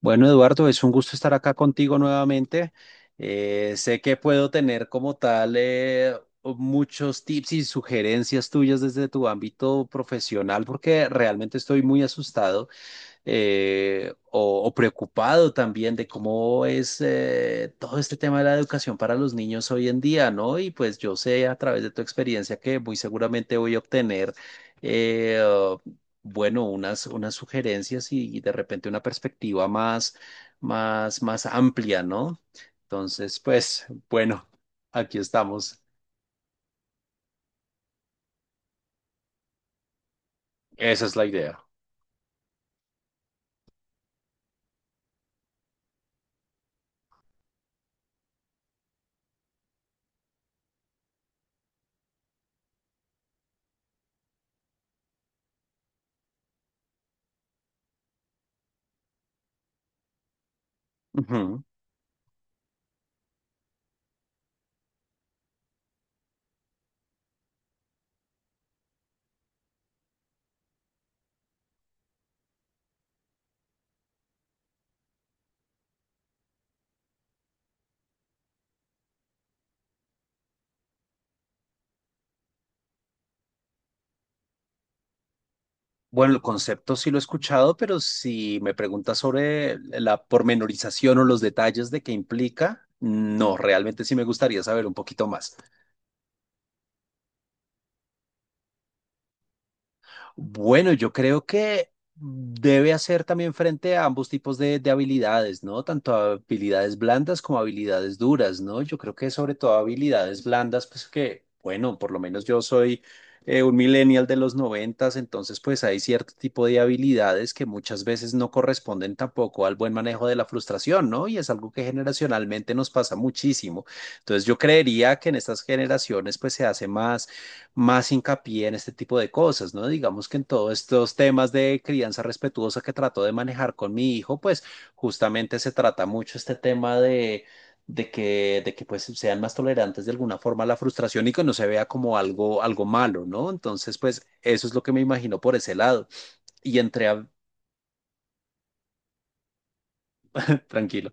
Bueno, Eduardo, es un gusto estar acá contigo nuevamente. Sé que puedo tener como tal muchos tips y sugerencias tuyas desde tu ámbito profesional porque realmente estoy muy asustado o preocupado también de cómo es todo este tema de la educación para los niños hoy en día, ¿no? Y pues yo sé a través de tu experiencia que muy seguramente voy a obtener, eh, bueno, unas sugerencias y de repente una perspectiva más, más amplia, ¿no? Entonces, pues, bueno, aquí estamos. Esa es la idea. Ujú. Bueno, el concepto sí lo he escuchado, pero si me preguntas sobre la pormenorización o los detalles de qué implica, no, realmente sí me gustaría saber un poquito más. Bueno, yo creo que debe hacer también frente a ambos tipos de habilidades, ¿no? Tanto habilidades blandas como habilidades duras, ¿no? Yo creo que sobre todo habilidades blandas, pues que, bueno, por lo menos yo soy un millennial de los noventas, entonces pues hay cierto tipo de habilidades que muchas veces no corresponden tampoco al buen manejo de la frustración, ¿no? Y es algo que generacionalmente nos pasa muchísimo. Entonces yo creería que en estas generaciones pues se hace más más hincapié en este tipo de cosas, ¿no? Digamos que en todos estos temas de crianza respetuosa que trato de manejar con mi hijo, pues justamente se trata mucho este tema de, de que pues sean más tolerantes de alguna forma a la frustración y que no se vea como algo, algo malo, ¿no? Entonces, pues eso es lo que me imagino por ese lado. Y entre a... Tranquilo.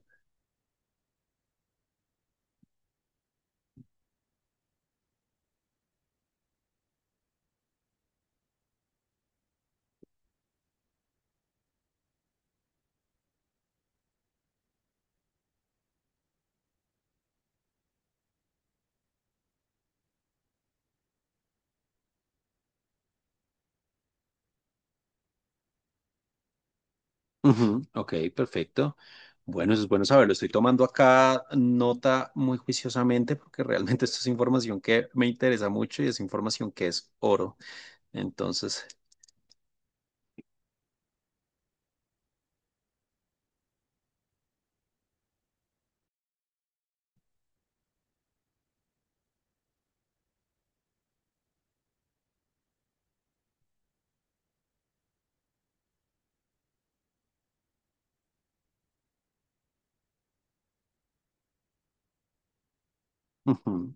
Ujú, ok, perfecto. Bueno, eso es bueno saberlo. Estoy tomando acá nota muy juiciosamente porque realmente esto es información que me interesa mucho y es información que es oro. Entonces, ujú.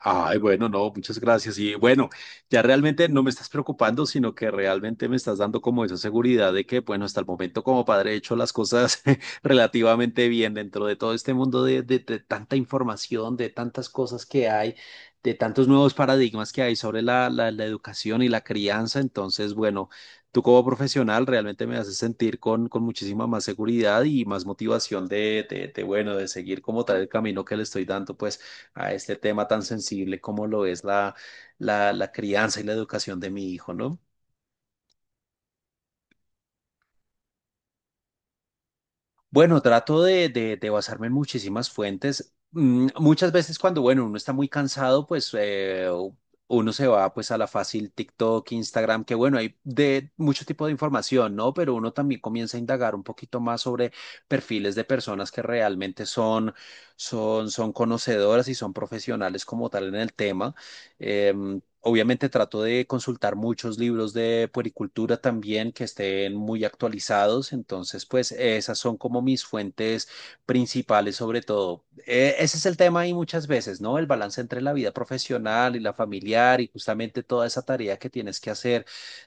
Ay, bueno, no, muchas gracias. Y bueno, ya realmente no me estás preocupando, sino que realmente me estás dando como esa seguridad de que, bueno, hasta el momento como padre he hecho las cosas relativamente bien dentro de todo este mundo de, de tanta información, de tantas cosas que hay, de tantos nuevos paradigmas que hay sobre la educación y la crianza. Entonces, bueno, tú como profesional realmente me haces sentir con muchísima más seguridad y más motivación bueno, de seguir como tal el camino que le estoy dando, pues a este tema tan sensible como lo es la crianza y la educación de mi hijo, ¿no? Bueno, trato de basarme en muchísimas fuentes. Mm, muchas veces cuando, bueno, uno está muy cansado, pues uno se va pues a la fácil TikTok, Instagram, que bueno, hay de mucho tipo de información, ¿no? Pero uno también comienza a indagar un poquito más sobre perfiles de personas que realmente son, son conocedoras y son profesionales como tal en el tema. Em, Obviamente trato de consultar muchos libros de puericultura también que estén muy actualizados, entonces pues esas son como mis fuentes principales sobre todo. Ese es el tema ahí muchas veces, ¿no? El balance entre la vida profesional y la familiar y justamente toda esa tarea que tienes que hacer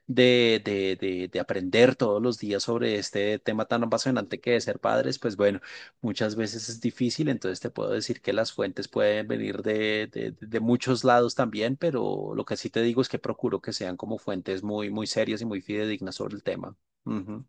de aprender todos los días sobre este tema tan apasionante que es ser padres, pues bueno. Muchas veces es difícil, entonces te puedo decir que las fuentes pueden venir de, de muchos lados también, pero lo que sí te digo es que procuro que sean como fuentes muy, muy serias y muy fidedignas sobre el tema. Ujú.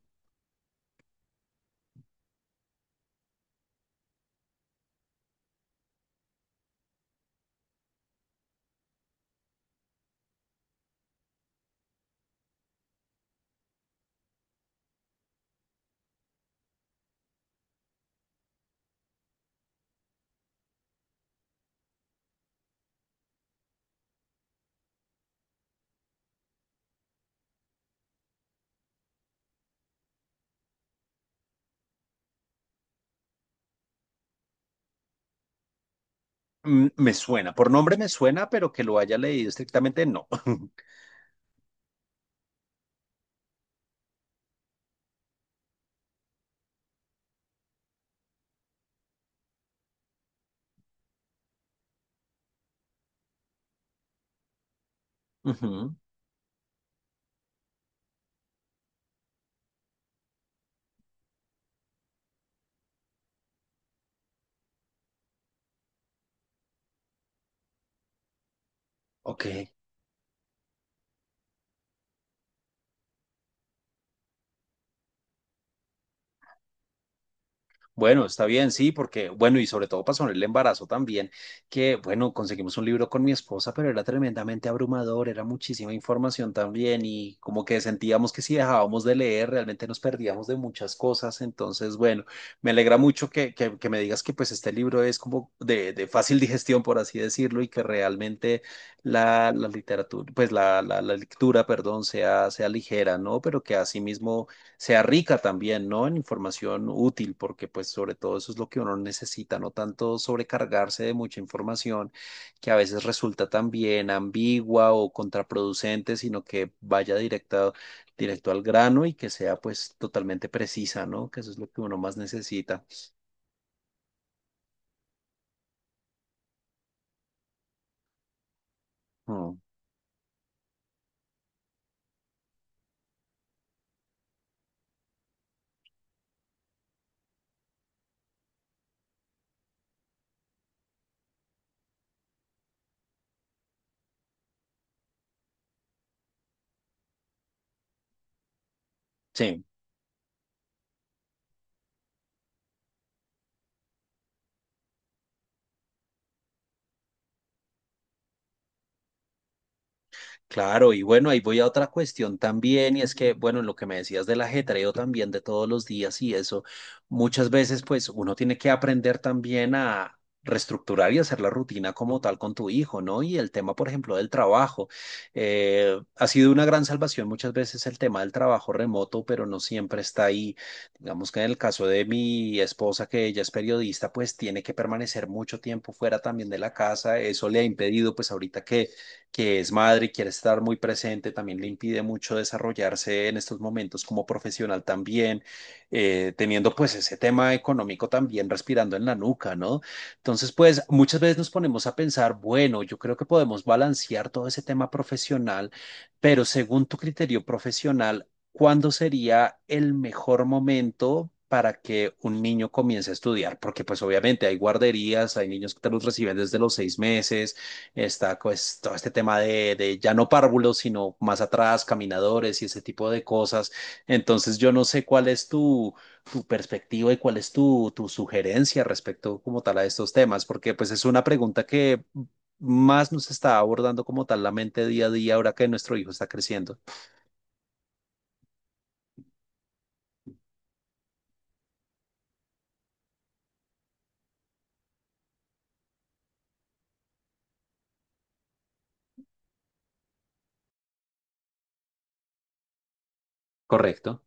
Mm, me suena, por nombre me suena, pero que lo haya leído estrictamente, no. Ujú. Ok. Bueno, está bien, sí, porque, bueno, y sobre todo pasó en el embarazo también, que, bueno, conseguimos un libro con mi esposa, pero era tremendamente abrumador, era muchísima información también y como que sentíamos que si dejábamos de leer, realmente nos perdíamos de muchas cosas. Entonces, bueno, me alegra mucho que me digas que pues este libro es como de fácil digestión, por así decirlo, y que realmente la, la lectura, perdón, sea, sea ligera, ¿no? Pero que asimismo sea rica también, ¿no? En información útil, porque pues sobre todo eso es lo que uno necesita, no tanto sobrecargarse de mucha información que a veces resulta también ambigua o contraproducente, sino que vaya directa, directo al grano y que sea pues totalmente precisa, ¿no? Que eso es lo que uno más necesita. Mm, sí. Claro, y bueno, ahí voy a otra cuestión también, y es que, bueno, en lo que me decías del ajetreo también de todos los días y eso, muchas veces pues uno tiene que aprender también a reestructurar y hacer la rutina como tal con tu hijo, ¿no? Y el tema, por ejemplo, del trabajo. Ha sido una gran salvación muchas veces el tema del trabajo remoto, pero no siempre está ahí. Digamos que en el caso de mi esposa, que ella es periodista, pues tiene que permanecer mucho tiempo fuera también de la casa. Eso le ha impedido, pues ahorita que es madre y quiere estar muy presente, también le impide mucho desarrollarse en estos momentos como profesional también, teniendo pues ese tema económico también respirando en la nuca, ¿no? Entonces, pues muchas veces nos ponemos a pensar, bueno, yo creo que podemos balancear todo ese tema profesional, pero según tu criterio profesional, ¿cuándo sería el mejor momento para que un niño comience a estudiar? Porque pues obviamente hay guarderías, hay niños que te los reciben desde los 6 meses. Está pues todo este tema de ya no párvulos, sino más atrás, caminadores y ese tipo de cosas. Entonces yo no sé cuál es tu, tu perspectiva y cuál es tu, tu sugerencia respecto como tal a estos temas, porque pues es una pregunta que más nos está abordando como tal la mente día a día ahora que nuestro hijo está creciendo. Correcto.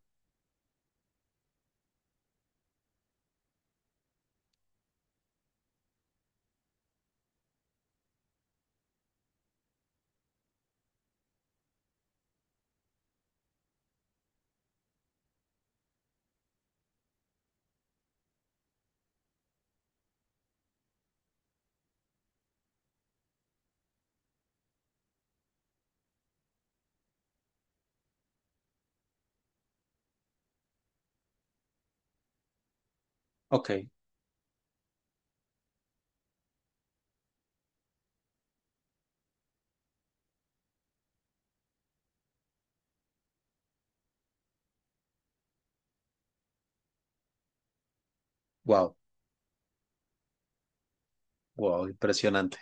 Ok, wow, wow, impresionante.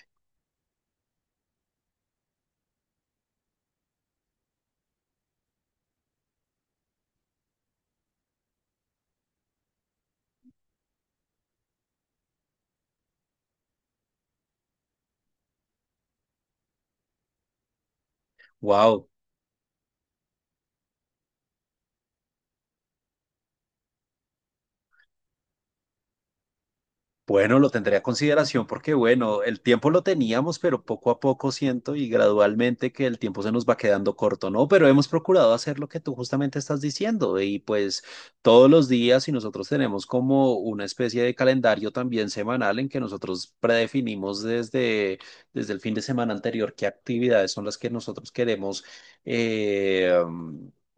Wow, bueno, lo tendré a consideración porque, bueno, el tiempo lo teníamos, pero poco a poco siento y gradualmente que el tiempo se nos va quedando corto, ¿no? Pero hemos procurado hacer lo que tú justamente estás diciendo y pues todos los días y nosotros tenemos como una especie de calendario también semanal en que nosotros predefinimos desde, desde el fin de semana anterior qué actividades son las que nosotros queremos. eh,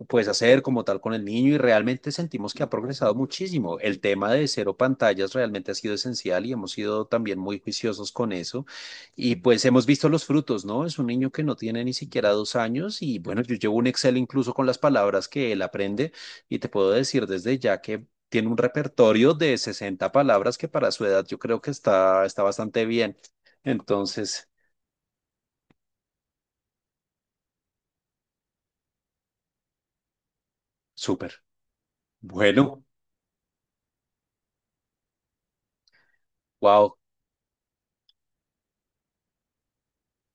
pues hacer como tal con el niño y realmente sentimos que ha progresado muchísimo. El tema de cero pantallas realmente ha sido esencial y hemos sido también muy juiciosos con eso y pues hemos visto los frutos, ¿no? Es un niño que no tiene ni siquiera 2 años y bueno, yo llevo un Excel incluso con las palabras que él aprende y te puedo decir desde ya que... Tiene un repertorio de 60 palabras que para su edad yo creo que está, está bastante bien. Entonces, súper. Bueno, wow,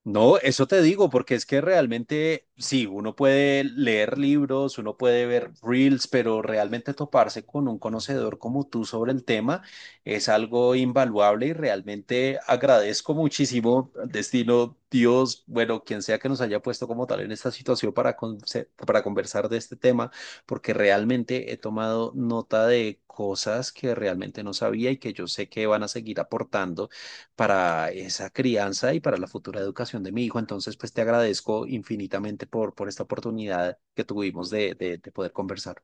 no, eso te digo, porque es que realmente, sí, uno puede leer libros, uno puede ver reels, pero realmente toparse con un conocedor como tú sobre el tema es algo invaluable y realmente agradezco muchísimo, destino, Dios, bueno, quien sea que nos haya puesto como tal en esta situación para, para conversar de este tema, porque realmente he tomado nota de cosas que realmente no sabía y que yo sé que van a seguir aportando para esa crianza y para la futura educación de mi hijo. Entonces, pues te agradezco infinitamente por esta oportunidad que tuvimos de poder conversar.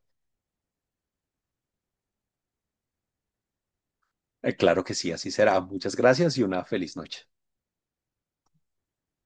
Claro que sí, así será. Muchas gracias y una feliz noche.